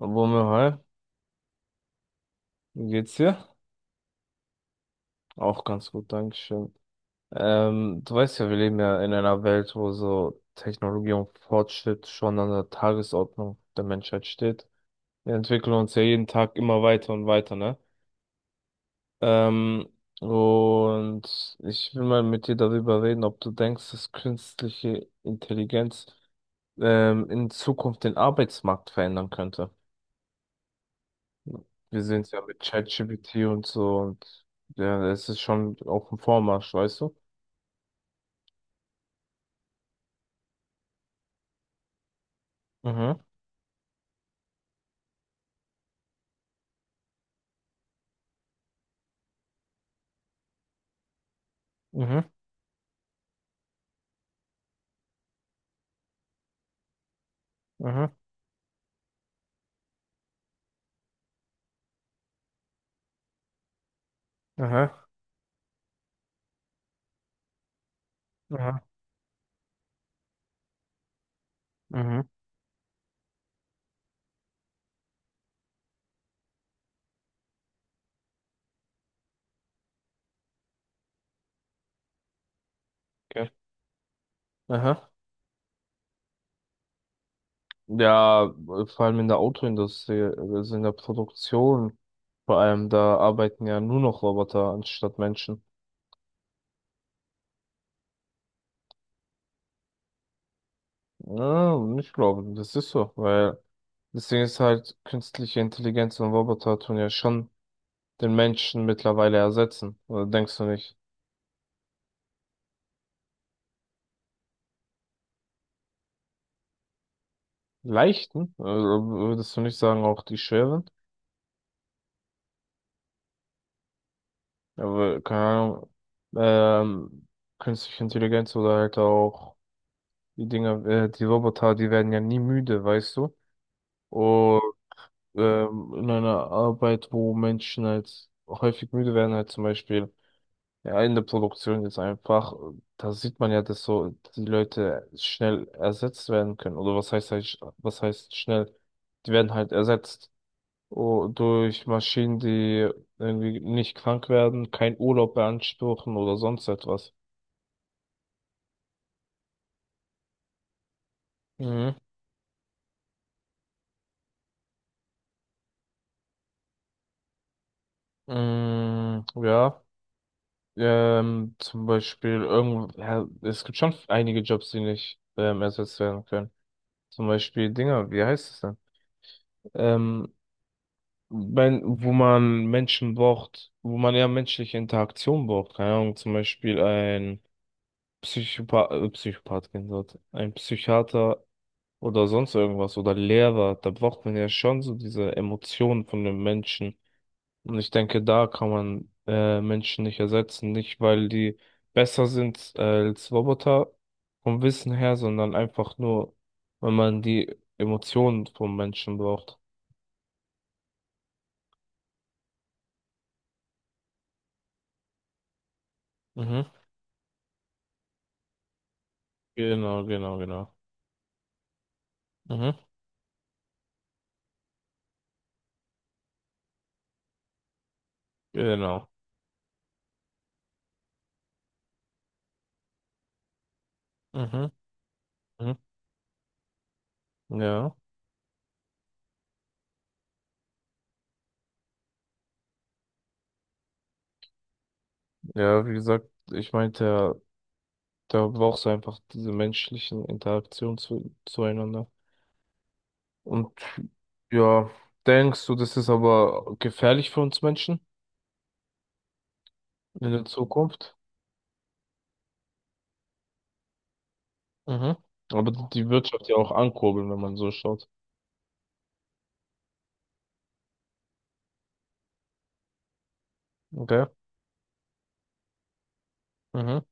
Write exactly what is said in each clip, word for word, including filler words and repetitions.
Womir, hi, wie geht's dir? Auch ganz gut, Dankeschön. Ähm, du weißt ja, wir leben ja in einer Welt, wo so Technologie und Fortschritt schon an der Tagesordnung der Menschheit steht. Wir entwickeln uns ja jeden Tag immer weiter und weiter, ne? Ähm, und ich will mal mit dir darüber reden, ob du denkst, dass künstliche Intelligenz ähm, in Zukunft den Arbeitsmarkt verändern könnte. Wir sehen es ja mit ChatGPT und so, und ja, es ist schon auf dem Vormarsch, weißt du? Mhm, mhm, mhm, mhm, mhm, mhm, okay. Aha. Ja, vor allem in der Autoindustrie, also in der Produktion, vor allem da arbeiten ja nur noch Roboter anstatt Menschen. Ja, ich glaube, das ist so, weil das Ding ist halt, künstliche Intelligenz und Roboter tun ja schon den Menschen mittlerweile ersetzen, oder denkst du nicht? Leichten, also würdest du nicht sagen, auch die schweren, aber keine Ahnung, ähm, künstliche Intelligenz oder halt auch die Dinger äh, die Roboter, die werden ja nie müde, weißt du? Und ähm, in einer Arbeit, wo Menschen halt häufig müde werden, halt zum Beispiel ja, in der Produktion jetzt einfach, da sieht man ja, dass so die Leute schnell ersetzt werden können. Oder was heißt halt, sch- was heißt schnell? Die werden halt ersetzt. Oh, durch Maschinen, die irgendwie nicht krank werden, keinen Urlaub beanspruchen oder sonst etwas. Mhm. Mm, ja, ähm, zum Beispiel irgend, ja, es gibt schon einige Jobs, die nicht ähm, ersetzt werden können. Zum Beispiel Dinger, wie heißt es denn? Ähm, wenn, wo man Menschen braucht, wo man ja menschliche Interaktion braucht. Keine Ahnung, zum Beispiel ein Psychopath, äh, Psychopath, kein Wort, ein Psychiater oder sonst irgendwas oder Lehrer. Da braucht man ja schon so diese Emotionen von den Menschen. Und ich denke, da kann man äh, Menschen nicht ersetzen. Nicht, weil die besser sind äh, als Roboter vom Wissen her, sondern einfach nur, wenn man die Emotionen vom Menschen braucht. Mhm. Genau, genau, genau. Mhm. Genau. Mhm. Mhm. Ja. Ja, wie gesagt, ich meinte ja, da brauchst du einfach diese menschlichen Interaktionen zu, zueinander. Und ja, denkst du, das ist aber gefährlich für uns Menschen in der Zukunft? Mhm. Aber die Wirtschaft ja auch ankurbeln, wenn man so schaut. Okay. Mhm.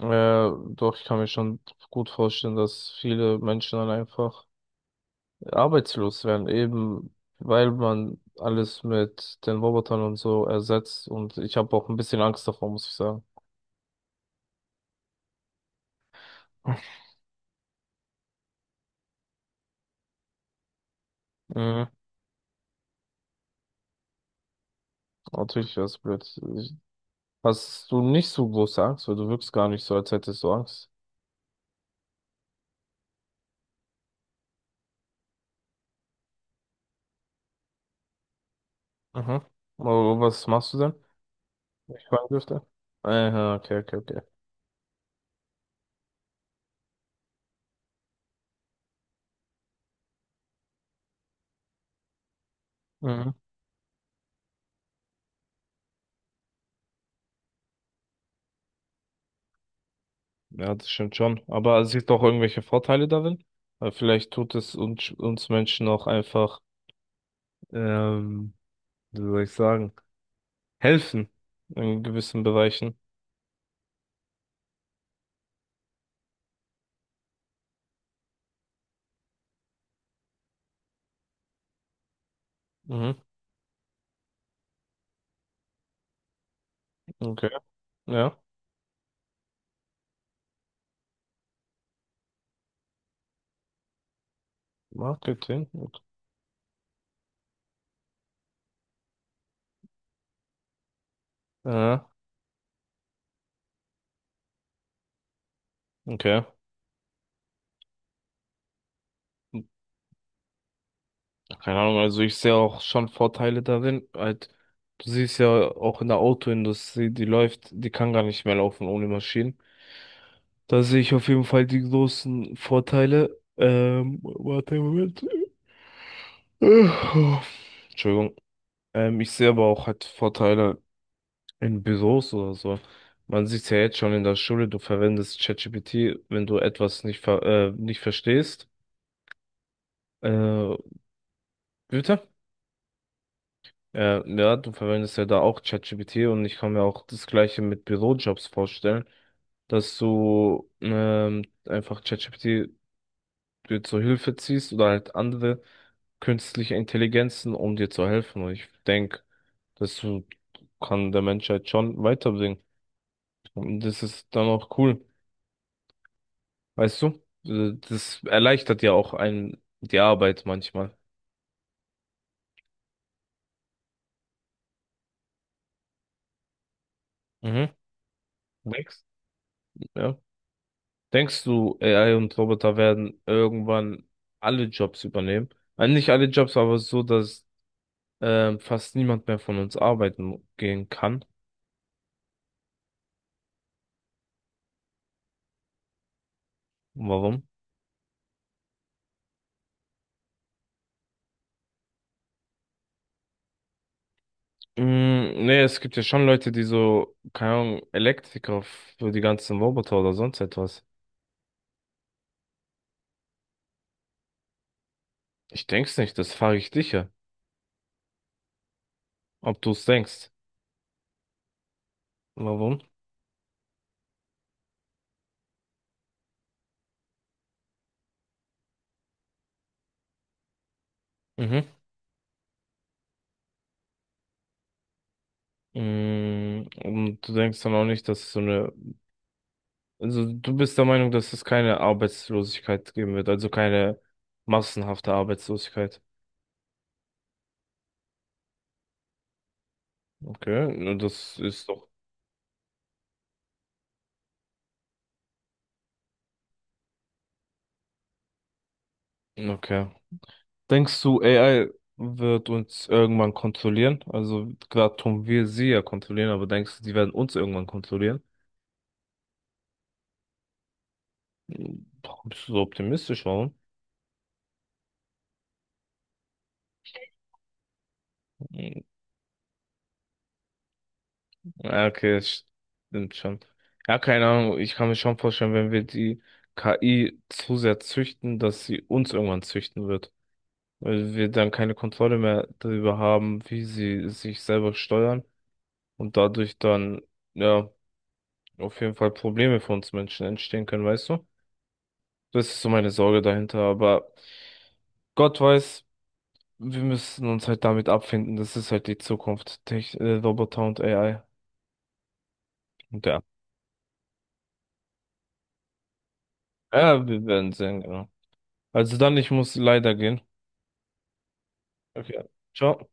Äh, doch, ich kann mir schon gut vorstellen, dass viele Menschen dann einfach arbeitslos werden, eben weil man alles mit den Robotern und so ersetzt. Und ich habe auch ein bisschen Angst davor, muss ich sagen. Mhm. Natürlich wäre es blöd. Ich- Hast du nicht so große Angst, weil du wirkst gar nicht so, als hättest du Angst. Mhm. Oh, was machst du denn? Wenn ich fragen dürfte. Aha, okay, okay, okay. Mhm. Ja, das stimmt schon. Aber es gibt auch irgendwelche Vorteile darin. Weil vielleicht tut es uns, uns Menschen auch einfach, ähm, wie soll ich sagen, helfen in gewissen Bereichen. Mhm. Okay. Ja. Marketing. Okay. Ja. Okay. Keine Ahnung, also ich sehe auch schon Vorteile darin. Halt, du siehst ja auch in der Autoindustrie, die läuft, die kann gar nicht mehr laufen ohne Maschinen. Da sehe ich auf jeden Fall die großen Vorteile. Ähm, warte, Moment. Äh, Entschuldigung. Ähm, ich sehe aber auch halt Vorteile in Büros oder so. Man sieht es ja jetzt schon in der Schule, du verwendest ChatGPT, wenn du etwas nicht, ver äh, nicht verstehst. Äh, bitte? Äh, ja, du verwendest ja da auch ChatGPT, und ich kann mir auch das Gleiche mit Bürojobs vorstellen, dass du ähm, einfach ChatGPT dir zur Hilfe ziehst oder halt andere künstliche Intelligenzen, um dir zu helfen. Und ich denke, das so kann der Menschheit schon weiterbringen. Und das ist dann auch cool. Weißt du? Äh, Das erleichtert ja auch einen die Arbeit manchmal. Mhm. Denkst, ja. Denkst du, A I und Roboter werden irgendwann alle Jobs übernehmen? Äh, nicht alle Jobs, aber so, dass ähm, fast niemand mehr von uns arbeiten gehen kann. Warum? Mm, nee, es gibt ja schon Leute, die so, keine Ahnung, Elektriker für die ganzen Roboter oder sonst etwas. Ich denk's nicht, das frage ich dich ja, ob du's denkst. Warum? Mhm. Mm, und du denkst dann auch nicht, dass es so eine, also du bist der Meinung, dass es keine Arbeitslosigkeit geben wird, also keine massenhafte Arbeitslosigkeit. Okay, na, das ist doch, okay. Denkst du, A I wird uns irgendwann kontrollieren? Also gerade tun wir sie ja kontrollieren, aber denkst du, die werden uns irgendwann kontrollieren? Warum bist du so optimistisch, warum? Ja, okay, das stimmt schon. Ja, keine Ahnung, ich kann mir schon vorstellen, wenn wir die K I zu sehr züchten, dass sie uns irgendwann züchten wird. Weil wir dann keine Kontrolle mehr darüber haben, wie sie sich selber steuern und dadurch dann, ja, auf jeden Fall Probleme für uns Menschen entstehen können, weißt du? Das ist so meine Sorge dahinter, aber Gott weiß, wir müssen uns halt damit abfinden. Das ist halt die Zukunft. Tech äh, Roboter und A I. Und ja. Ja, wir werden sehen, genau. Also dann, ich muss leider gehen. Okay. Ciao.